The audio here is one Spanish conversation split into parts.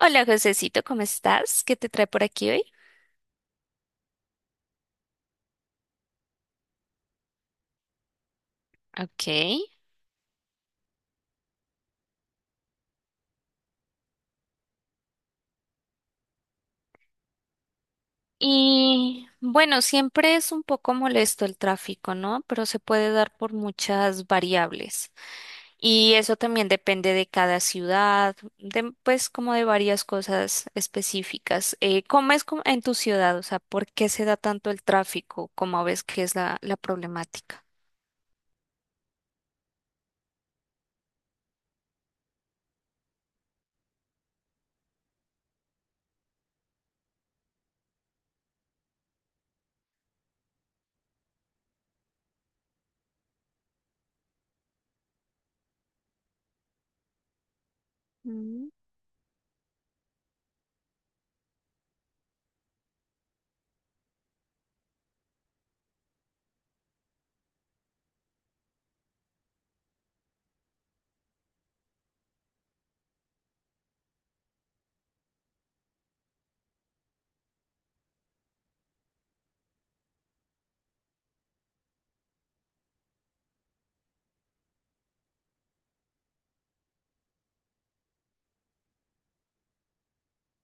Hola, Josecito, ¿cómo estás? ¿Qué te trae por aquí hoy? Ok. Y bueno, siempre es un poco molesto el tráfico, ¿no? Pero se puede dar por muchas variables. Y eso también depende de cada ciudad, de, pues como de varias cosas específicas. ¿Cómo es como en tu ciudad? O sea, ¿por qué se da tanto el tráfico? ¿Cómo ves que es la problemática? Mm,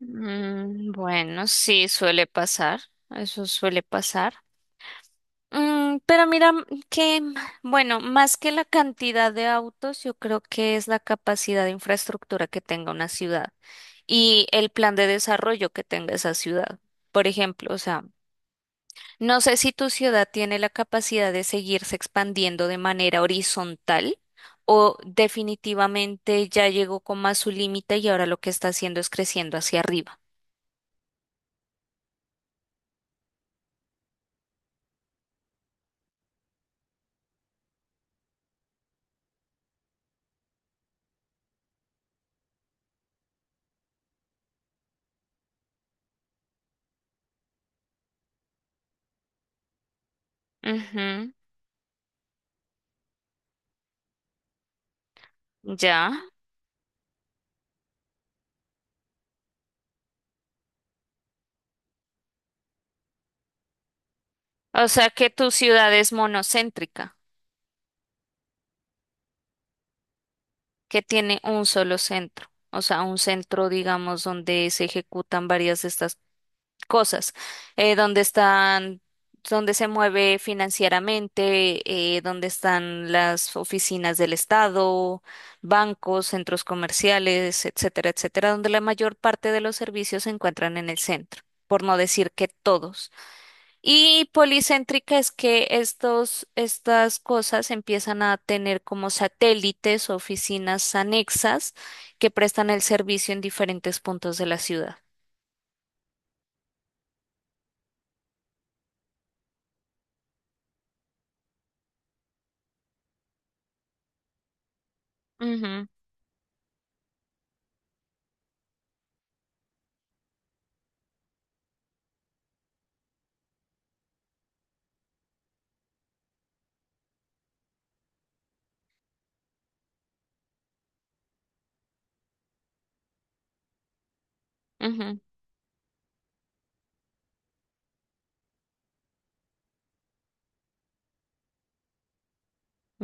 mm, bueno, sí, suele pasar. Eso suele pasar. Pero mira que, bueno, más que la cantidad de autos, yo creo que es la capacidad de infraestructura que tenga una ciudad y el plan de desarrollo que tenga esa ciudad. Por ejemplo, o sea, no sé si tu ciudad tiene la capacidad de seguirse expandiendo de manera horizontal o definitivamente ya llegó como a su límite y ahora lo que está haciendo es creciendo hacia arriba. Ujú, ya. O sea que tu ciudad es monocéntrica, que tiene un solo centro, o sea, un centro, digamos, donde se ejecutan varias de estas cosas, donde están, donde se mueve financieramente, donde están las oficinas del Estado, bancos, centros comerciales, etcétera, etcétera, donde la mayor parte de los servicios se encuentran en el centro, por no decir que todos. Y policéntrica es que estos, estas cosas empiezan a tener como satélites o oficinas anexas que prestan el servicio en diferentes puntos de la ciudad. Ujú, ujú,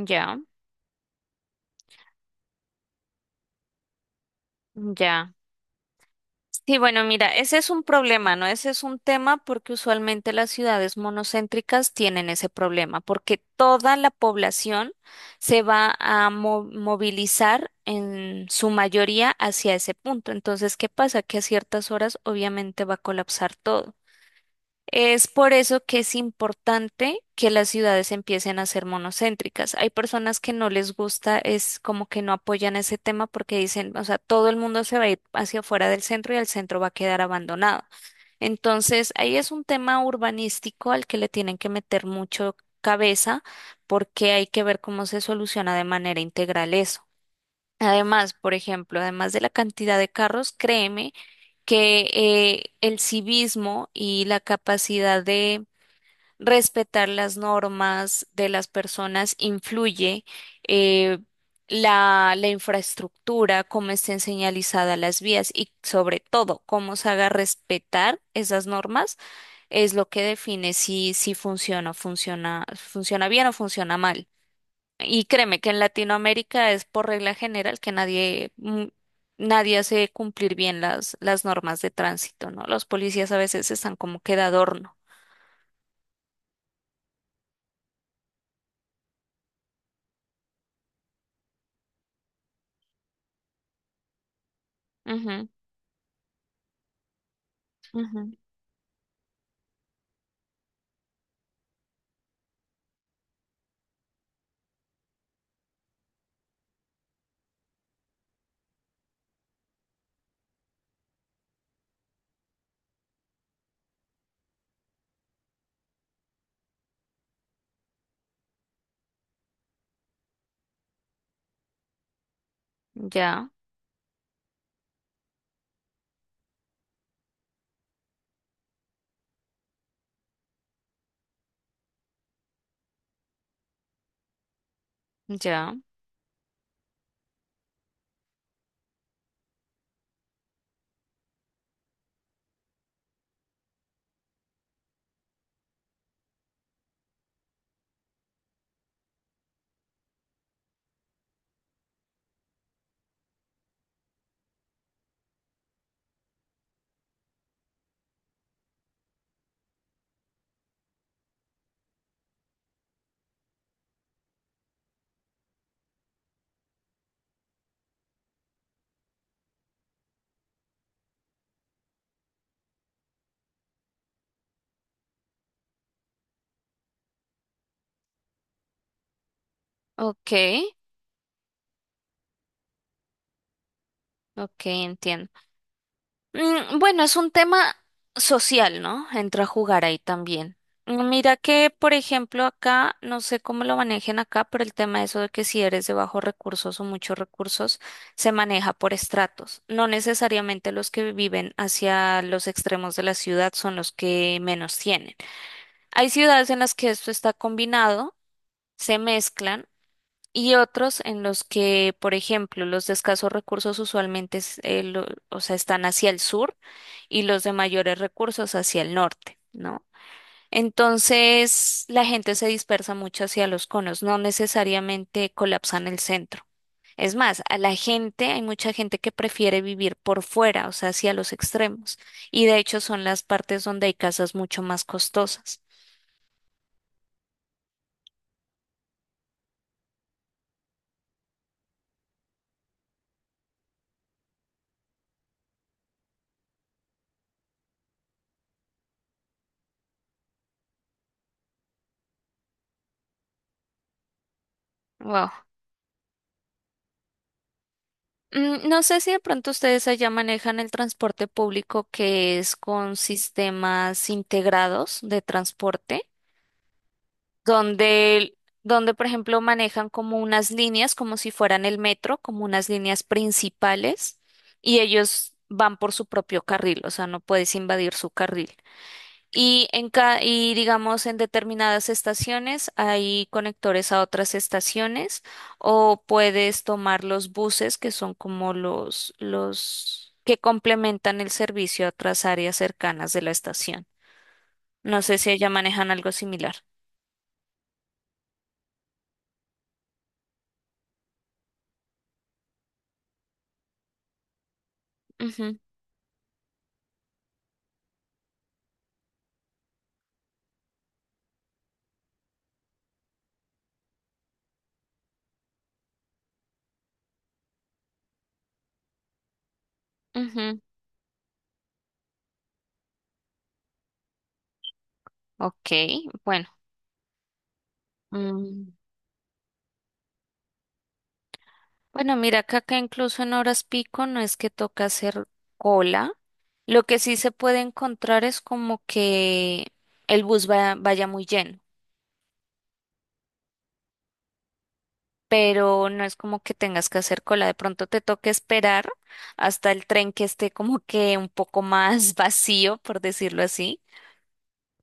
ya, ya. Sí, bueno, mira, ese es un problema, ¿no? Ese es un tema porque usualmente las ciudades monocéntricas tienen ese problema, porque toda la población se va a movilizar en su mayoría hacia ese punto. Entonces, ¿qué pasa? Que a ciertas horas obviamente va a colapsar todo. Es por eso que es importante que las ciudades empiecen a ser monocéntricas. Hay personas que no les gusta, es como que no apoyan ese tema porque dicen, o sea, todo el mundo se va a ir hacia afuera del centro y el centro va a quedar abandonado. Entonces, ahí es un tema urbanístico al que le tienen que meter mucho cabeza porque hay que ver cómo se soluciona de manera integral eso. Además, por ejemplo, además de la cantidad de carros, créeme que el civismo y la capacidad de respetar las normas de las personas influye, eh, la infraestructura, cómo estén señalizadas las vías y sobre todo cómo se haga respetar esas normas es lo que define si, si funciona bien o funciona mal. Y créeme que en Latinoamérica es por regla general que nadie hace cumplir bien las normas de tránsito, ¿no? Los policías a veces están como que de adorno. Ujú, ujú. Ya, ya. Ok, ok, entiendo. Bueno, es un tema social, ¿no? Entra a jugar ahí también. Mira que, por ejemplo, acá, no sé cómo lo manejen acá, pero el tema de eso de que si eres de bajos recursos o muchos recursos, se maneja por estratos. No necesariamente los que viven hacia los extremos de la ciudad son los que menos tienen. Hay ciudades en las que esto está combinado, se mezclan. Y otros en los que, por ejemplo, los de escasos recursos usualmente o sea, están hacia el sur y los de mayores recursos hacia el norte, ¿no? Entonces, la gente se dispersa mucho hacia los conos, no necesariamente colapsan el centro. Es más, a la gente, hay mucha gente que prefiere vivir por fuera, o sea, hacia los extremos. Y de hecho son las partes donde hay casas mucho más costosas. Wow. No sé si de pronto ustedes allá manejan el transporte público que es con sistemas integrados de transporte, donde, donde por ejemplo manejan como unas líneas, como si fueran el metro, como unas líneas principales, y ellos van por su propio carril, o sea, no puedes invadir su carril. Y digamos, en determinadas estaciones hay conectores a otras estaciones o puedes tomar los buses que son como los que complementan el servicio a otras áreas cercanas de la estación. No sé si allá manejan algo similar. Ujú, ujú. Ok, bueno. mm, Bueno, mira acá que incluso en horas pico no es que toca hacer cola. Lo que sí se puede encontrar es como que el bus vaya muy lleno. Pero no es como que tengas que hacer cola. De pronto te toque esperar hasta el tren que esté como que un poco más vacío, por decirlo así,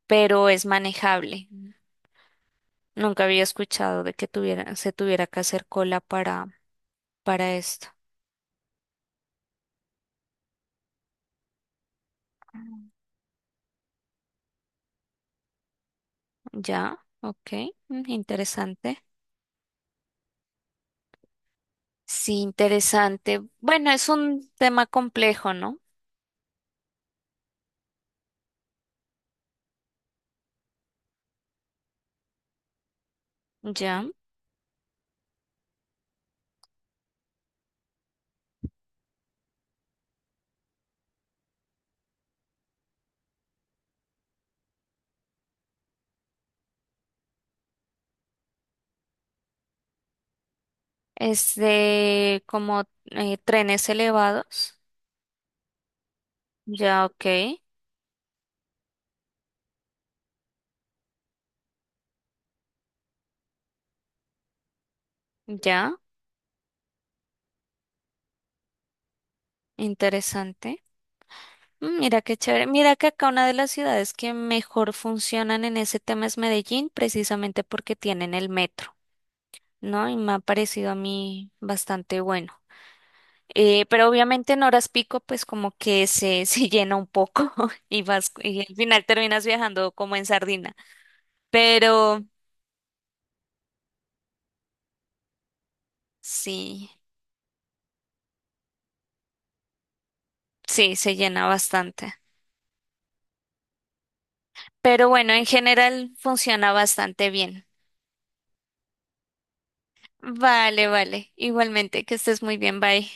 pero es manejable. Nunca había escuchado de que tuviera, se tuviera que hacer cola para esto. Ya, ok, mm, interesante. Sí, interesante. Bueno, es un tema complejo, ¿no? Ya. Es de como trenes elevados. Ya, ok, ya. Interesante. Mira qué chévere. Mira que acá una de las ciudades que mejor funcionan en ese tema es Medellín, precisamente porque tienen el metro, ¿no? Y me ha parecido a mí bastante bueno. Pero obviamente en horas pico, pues como que se, se llena un poco y vas, y al final terminas viajando como en sardina. Pero sí, sí, se llena bastante. Pero bueno, en general funciona bastante bien. Vale, vale. Igualmente, que estés muy bien. Bye.